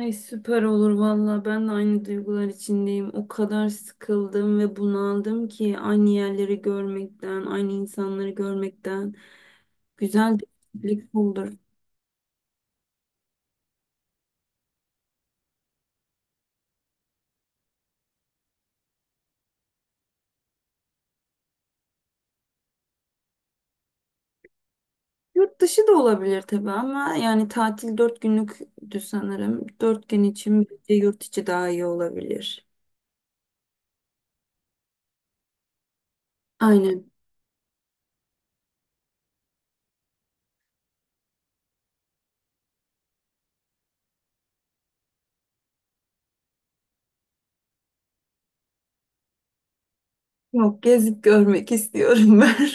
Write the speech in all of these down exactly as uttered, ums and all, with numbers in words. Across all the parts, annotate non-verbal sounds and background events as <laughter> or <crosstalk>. Ay süper olur valla ben de aynı duygular içindeyim. O kadar sıkıldım ve bunaldım ki aynı yerleri görmekten, aynı insanları görmekten. Güzel bir birlik olur. Yurt dışı da olabilir tabii ama yani tatil dört günlüktü sanırım. Dört gün için bence yurt içi daha iyi olabilir. Aynen. Yok gezip görmek istiyorum ben. <laughs>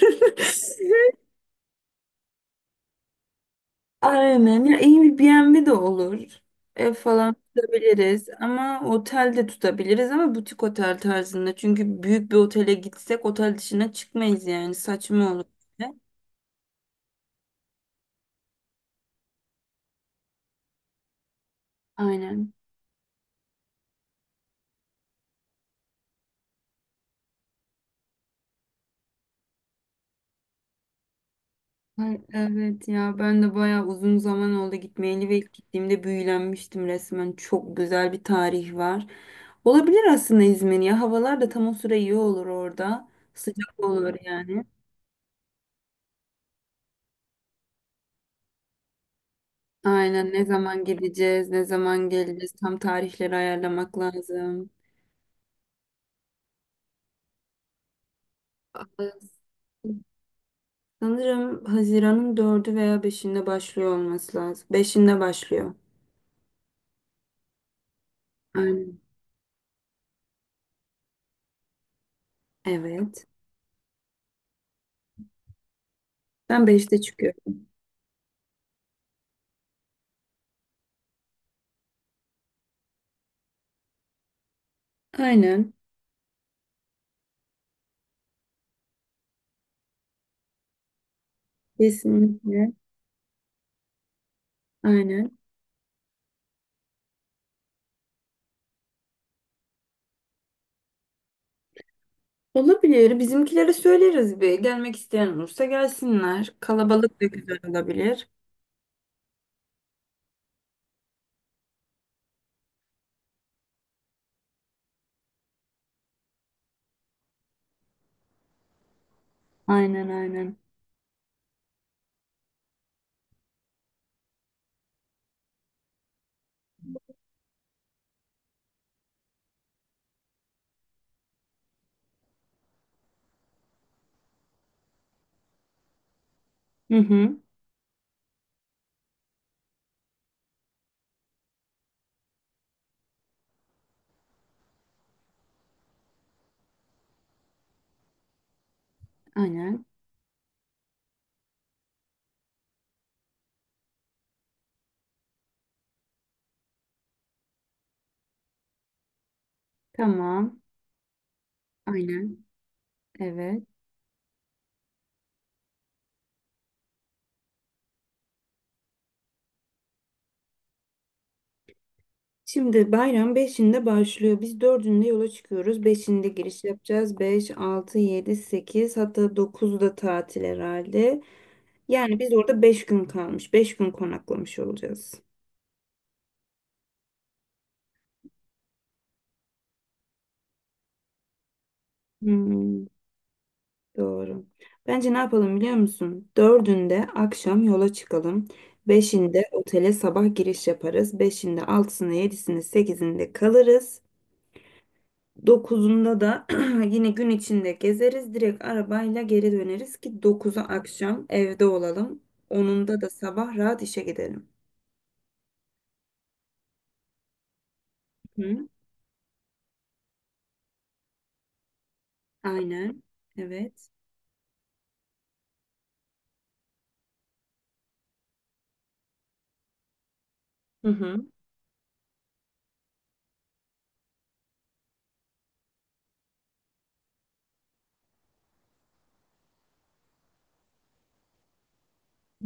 Aynen. Ya iyi bir bi end bi de olur. Ev falan tutabiliriz ama otel de tutabiliriz ama butik otel tarzında. Çünkü büyük bir otele gitsek otel dışına çıkmayız yani. Saçma olur. Aynen. Ay, evet ya ben de bayağı uzun zaman oldu gitmeyeli ve ilk gittiğimde büyülenmiştim resmen. Çok güzel bir tarih var. Olabilir aslında İzmir ya. Havalar da tam o süre iyi olur orada. Sıcak olur yani. Aynen, ne zaman gideceğiz, ne zaman geleceğiz tam tarihleri ayarlamak lazım. Evet. Sanırım Haziran'ın dördü veya beşinde başlıyor olması lazım. beşinde başlıyor. Aynen. Evet. Ben beşte çıkıyorum. Aynen. Kesinlikle. Aynen. Olabilir. Bizimkilere söyleriz bir. Gelmek isteyen olursa gelsinler. Kalabalık da güzel olabilir. Aynen, aynen. Hı hı. Aynen. Tamam. Aynen. Evet. Şimdi bayram beşinde başlıyor. Biz dördünde yola çıkıyoruz. beşinde giriş yapacağız. beş, altı, yedi, sekiz hatta dokuz da tatil herhalde. Yani biz orada beş gün kalmış, beş gün konaklamış olacağız. Hmm, doğru. Bence ne yapalım biliyor musun? dördünde akşam yola çıkalım. beşinde otele sabah giriş yaparız. beşinde, altısında, yedisinde, sekizinde kalırız. Dokuzunda da <clears throat> yine gün içinde gezeriz. Direkt arabayla geri döneriz ki dokuza akşam evde olalım. Onunda da sabah rahat işe gidelim. Hı, aynen. Evet. Hı hı.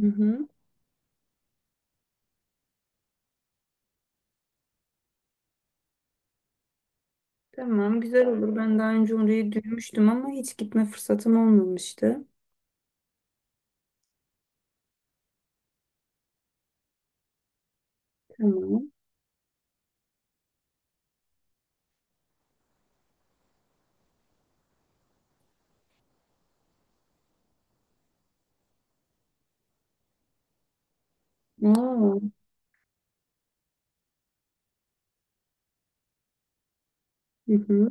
Hı hı. Tamam, güzel olur. Ben daha önce orayı duymuştum ama hiç gitme fırsatım olmamıştı. Tamam. Aa, hı hı.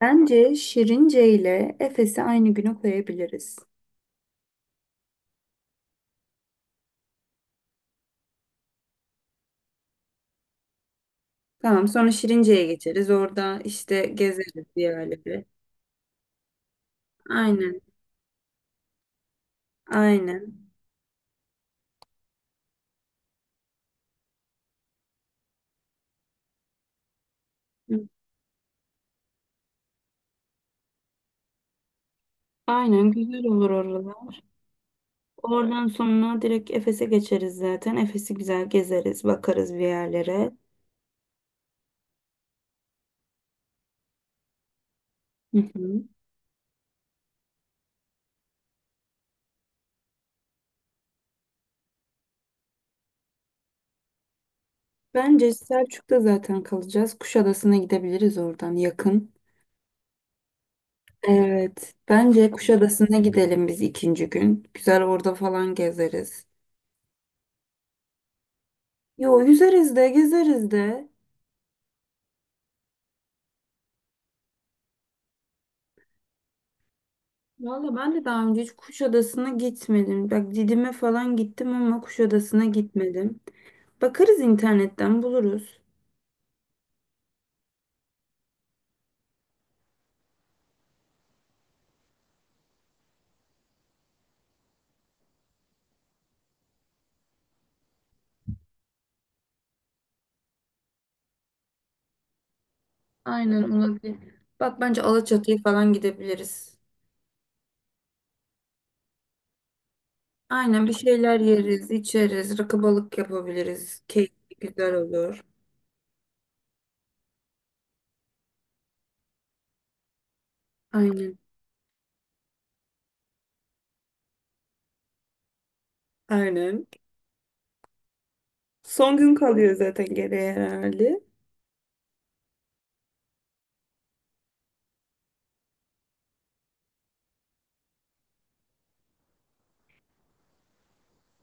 Bence Şirince ile Efes'i aynı güne koyabiliriz. Tamam, sonra Şirince'ye geçeriz. Orada işte gezeriz diğerleri. Aynen, aynen. Hı. Aynen, güzel olur orada. Oradan sonra direkt Efes'e geçeriz zaten. Efes'i güzel gezeriz, bakarız bir yerlere. Hı hı. Bence Selçuk'ta zaten kalacağız. Kuşadası'na gidebiliriz, oradan yakın. Evet. Bence Kuşadası'na gidelim biz ikinci gün. Güzel orada falan gezeriz. Yo, yüzeriz de gezeriz de. Valla ben de daha önce hiç Kuşadası'na gitmedim. Bak, Didim'e falan gittim ama Kuşadası'na gitmedim. Bakarız, internetten buluruz. Aynen, olabilir. Bak, bence Alaçatı'ya falan gidebiliriz. Aynen, bir şeyler yeriz, içeriz, rakı balık yapabiliriz. Keyifli, güzel olur. Aynen. Aynen. Son gün kalıyor zaten geriye herhalde.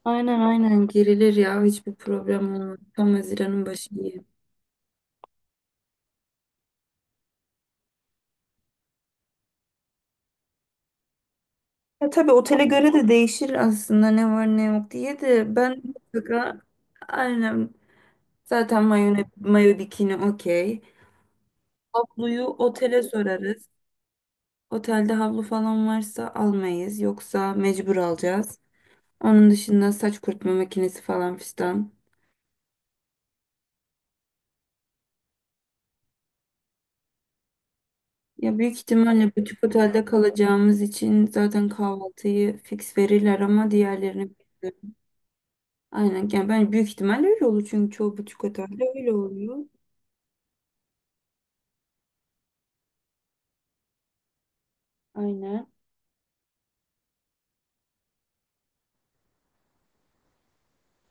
Aynen aynen girilir ya, hiçbir problem olmaz. Tam Haziran'ın başı iyi. Ya tabii otele göre de değişir aslında, ne var ne yok diye de ben mutlaka aynen zaten mayo, mayo bikini okey. Havluyu otele sorarız. Otelde havlu falan varsa almayız. Yoksa mecbur alacağız. Onun dışında saç kurutma makinesi falan fistan. Ya büyük ihtimalle butik otelde kalacağımız için zaten kahvaltıyı fix verirler ama diğerlerini bilmiyorum. Aynen. Yani ben büyük ihtimalle öyle olur çünkü çoğu butik otelde öyle oluyor. Aynen.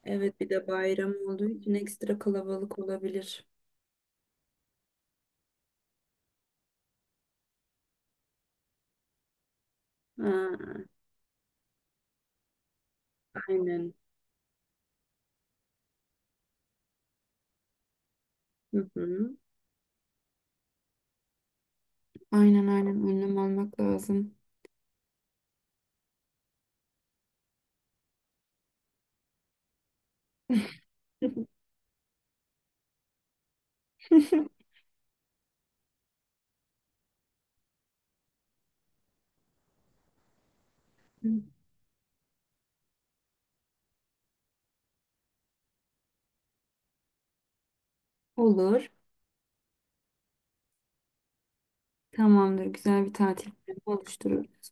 Evet, bir de bayram olduğu için ekstra kalabalık olabilir. Ha, aynen. Hı hı. Aynen aynen, önlem almak lazım. <laughs> Olur. Tamamdır. Güzel bir tatil planı oluştururuz.